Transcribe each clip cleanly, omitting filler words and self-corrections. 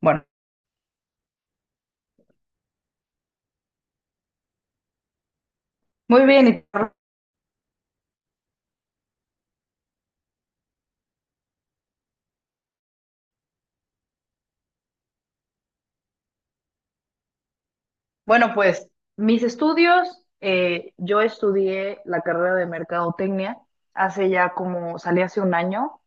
Bueno, muy bien. Bueno, pues mis estudios, yo estudié la carrera de mercadotecnia hace ya como, salí hace un año.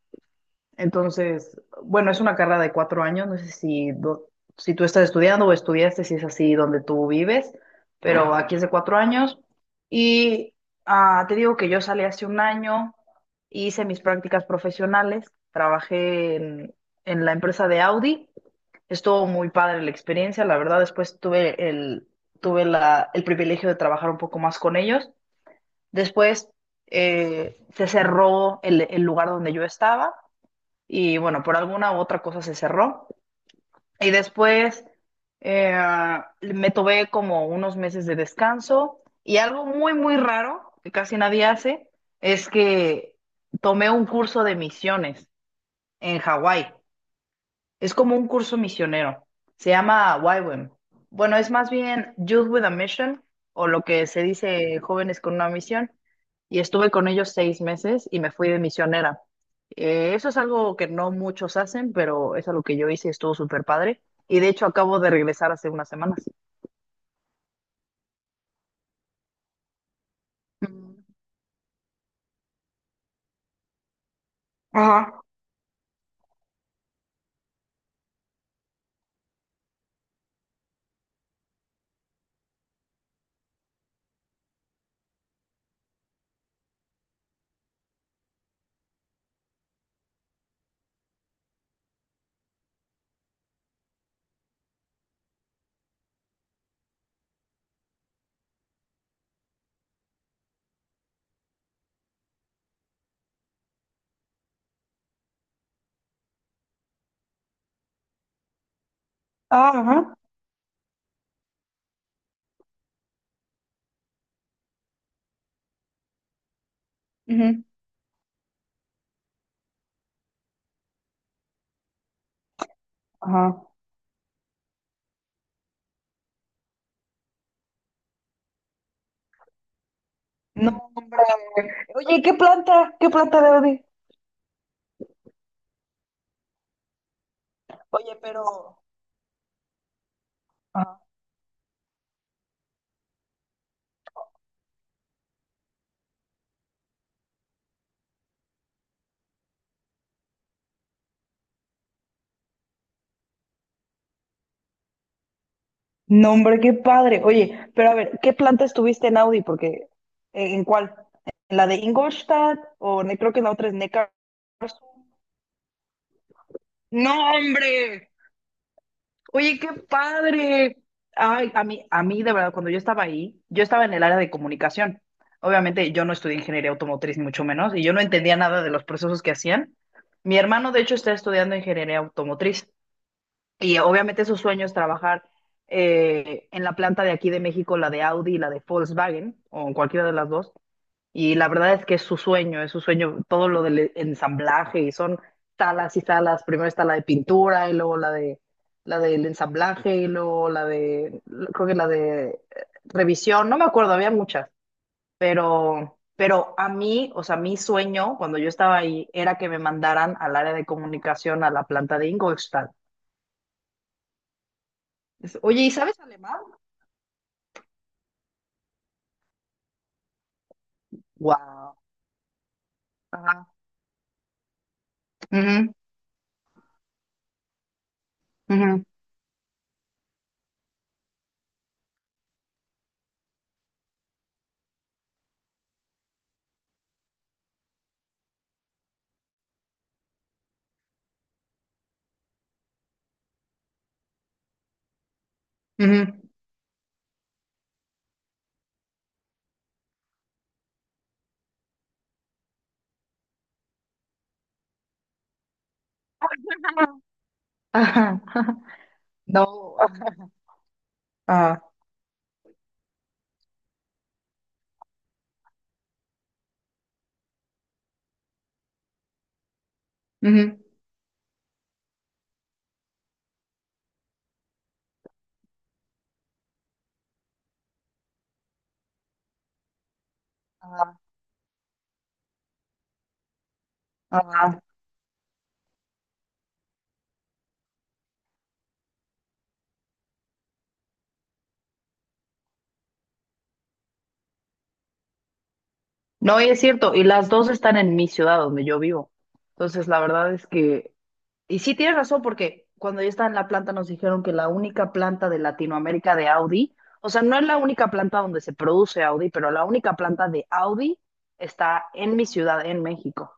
Entonces, bueno, es una carrera de cuatro años, no sé si, si tú estás estudiando o estudiaste, si es así donde tú vives, pero aquí es de cuatro años. Y te digo que yo salí hace un año, hice mis prácticas profesionales, trabajé en la empresa de Audi. Estuvo muy padre la experiencia, la verdad. Después tuve el privilegio de trabajar un poco más con ellos. Después se cerró el lugar donde yo estaba y bueno, por alguna u otra cosa se cerró. Y después eh, me tomé como unos meses de descanso, y algo muy raro que casi nadie hace es que tomé un curso de misiones en Hawái. Es como un curso misionero. Se llama YWAM. Bueno, es más bien Youth with a Mission, o lo que se dice jóvenes con una misión. Y estuve con ellos seis meses y me fui de misionera. Eso es algo que no muchos hacen, pero es algo que yo hice y estuvo súper padre. Y de hecho acabo de regresar hace unas semanas. Mm. Ajá. Ah, ajá. Ujú. Ajá. No, hombre. Oye, ¿qué planta? ¿Qué planta de Oye, pero. No, hombre, qué padre. Oye, pero a ver, ¿qué planta estuviste en Audi? Porque, en cuál? ¿En la de Ingolstadt? O creo que la otra es Neckar. No, hombre. Oye, qué padre. Ay, a mí, de verdad, cuando yo estaba ahí, yo estaba en el área de comunicación. Obviamente, yo no estudié ingeniería automotriz, ni mucho menos, y yo no entendía nada de los procesos que hacían. Mi hermano, de hecho, está estudiando ingeniería automotriz. Y obviamente su sueño es trabajar en la planta de aquí de México, la de Audi y la de Volkswagen, o en cualquiera de las dos. Y la verdad es que es su sueño todo lo del ensamblaje, y son salas y salas. Primero está la de pintura y luego la de la del ensamblaje y luego la de, creo que la de revisión, no me acuerdo, había muchas. Pero a mí, o sea, mi sueño cuando yo estaba ahí era que me mandaran al área de comunicación a la planta de Ingolstadt. Oye, ¿y sabes alemán? Wow. Ajá. Ujú, ujú, ujú. Ajá, No. Ajá, ujú, ajá, ajá. No, y es cierto, y las dos están en mi ciudad donde yo vivo. Entonces, la verdad es que, y sí tienes razón, porque cuando yo estaba en la planta nos dijeron que la única planta de Latinoamérica de Audi, o sea, no es la única planta donde se produce Audi, pero la única planta de Audi está en mi ciudad, en México.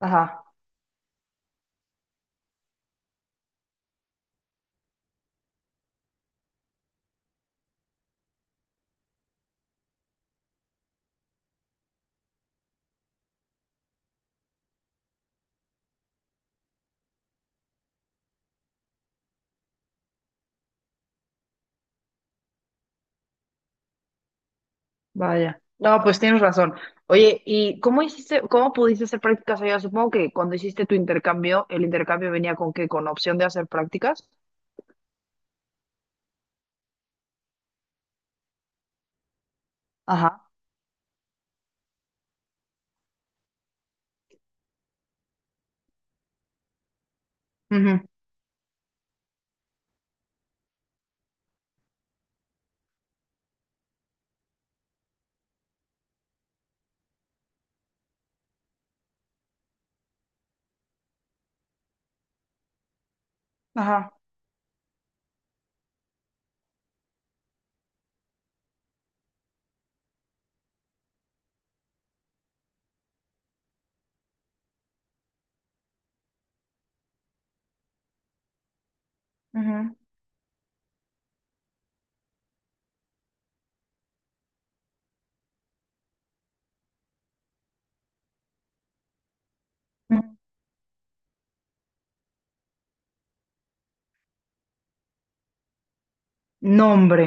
Ajá. Vaya. No, pues tienes razón. Oye, ¿y cómo hiciste, cómo pudiste hacer prácticas allá? Supongo que cuando hiciste tu intercambio, el intercambio venía con qué, con opción de hacer prácticas. Ajá. Ujú, Ajá. ujú, ujú. Nombre.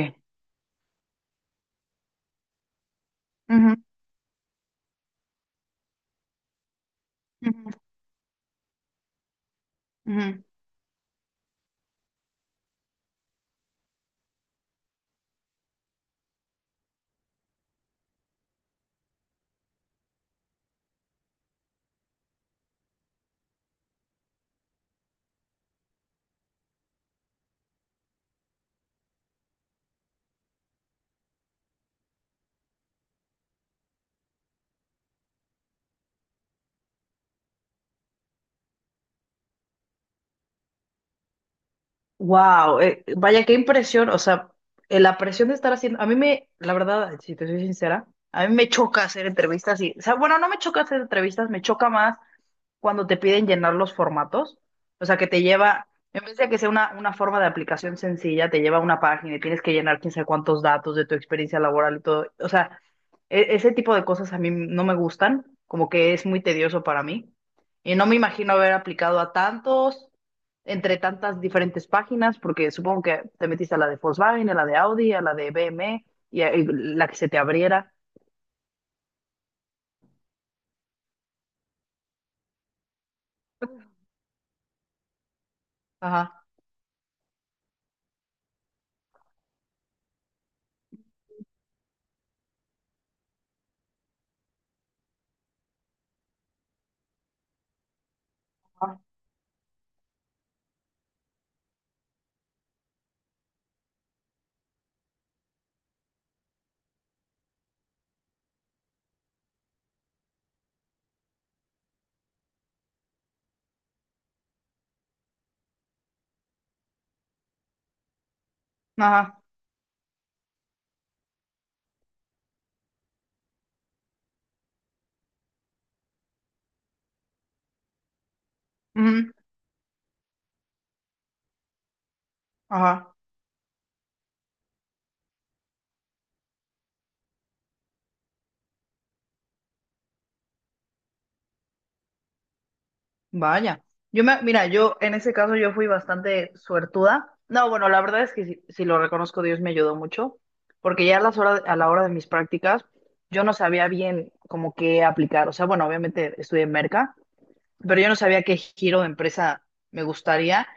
Wow, vaya qué impresión. O sea, la presión de estar haciendo, la verdad, si te soy sincera, a mí me choca hacer entrevistas y, o sea, bueno, no me choca hacer entrevistas, me choca más cuando te piden llenar los formatos, o sea, que te lleva, en vez de que sea una forma de aplicación sencilla, te lleva a una página y tienes que llenar quién sabe cuántos datos de tu experiencia laboral y todo. O sea, ese tipo de cosas a mí no me gustan, como que es muy tedioso para mí. Y no me imagino haber aplicado a tantos, entre tantas diferentes páginas, porque supongo que te metiste a la de Volkswagen, a la de Audi, a la de BMW y la que se te abriera. Ajá. Ajá. Ajá. ujú, Ajá. Vaya, mira, yo en ese caso yo fui bastante suertuda. No, bueno, la verdad es que si lo reconozco, Dios me ayudó mucho, porque ya a las horas, a la hora de mis prácticas, yo no sabía bien como qué aplicar. O sea, bueno, obviamente estudié en Merca, pero yo no sabía qué giro de empresa me gustaría.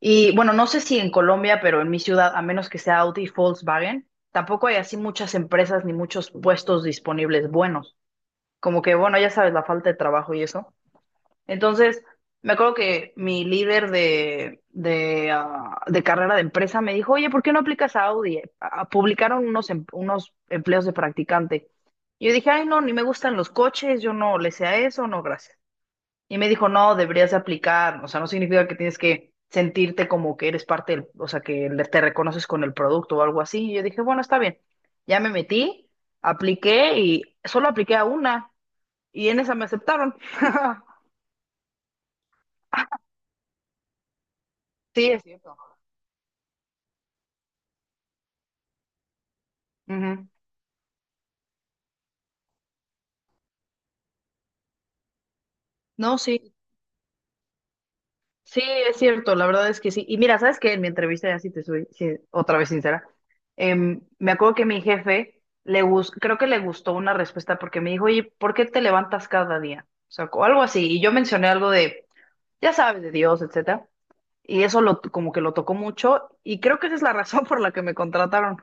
Y bueno, no sé si en Colombia, pero en mi ciudad, a menos que sea Audi y Volkswagen, tampoco hay así muchas empresas ni muchos puestos disponibles buenos. Como que, bueno, ya sabes, la falta de trabajo y eso. Entonces, me acuerdo que mi líder ah, de carrera de empresa me dijo, oye, ¿por qué no aplicas a Audi? Ah, publicaron unos, unos empleos de practicante. Y yo dije, ay, no, ni me gustan los coches, yo no le sé a eso, no, gracias. Y me dijo, no, deberías de aplicar, o sea, no significa que tienes que sentirte como que eres parte, o sea, que te reconoces con el producto o algo así. Y yo dije, bueno, está bien. Ya me metí, apliqué y solo apliqué a una y en esa me aceptaron. Sí, es cierto. Ujú. No, sí, sí, es cierto, la verdad es que sí. Y mira, ¿sabes qué? En mi entrevista, ya sí otra vez sincera, me acuerdo que mi jefe, creo que le gustó una respuesta porque me dijo, oye, ¿por qué te levantas cada día? O sea, o algo así. Y yo mencioné algo de, ya sabes, de Dios, etcétera. Y eso lo, como que lo tocó mucho y creo que esa es la razón por la que me contrataron.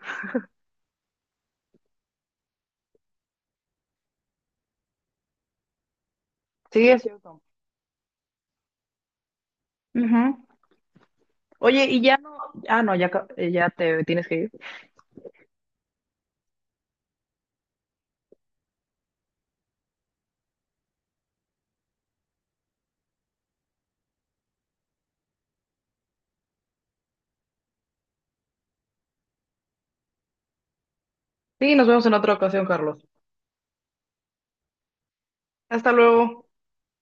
Sí, es cierto. Ujú. Oye, y ya no, ah, no, ya, ya te tienes que ir. Sí, nos vemos en otra ocasión, Carlos. Hasta luego.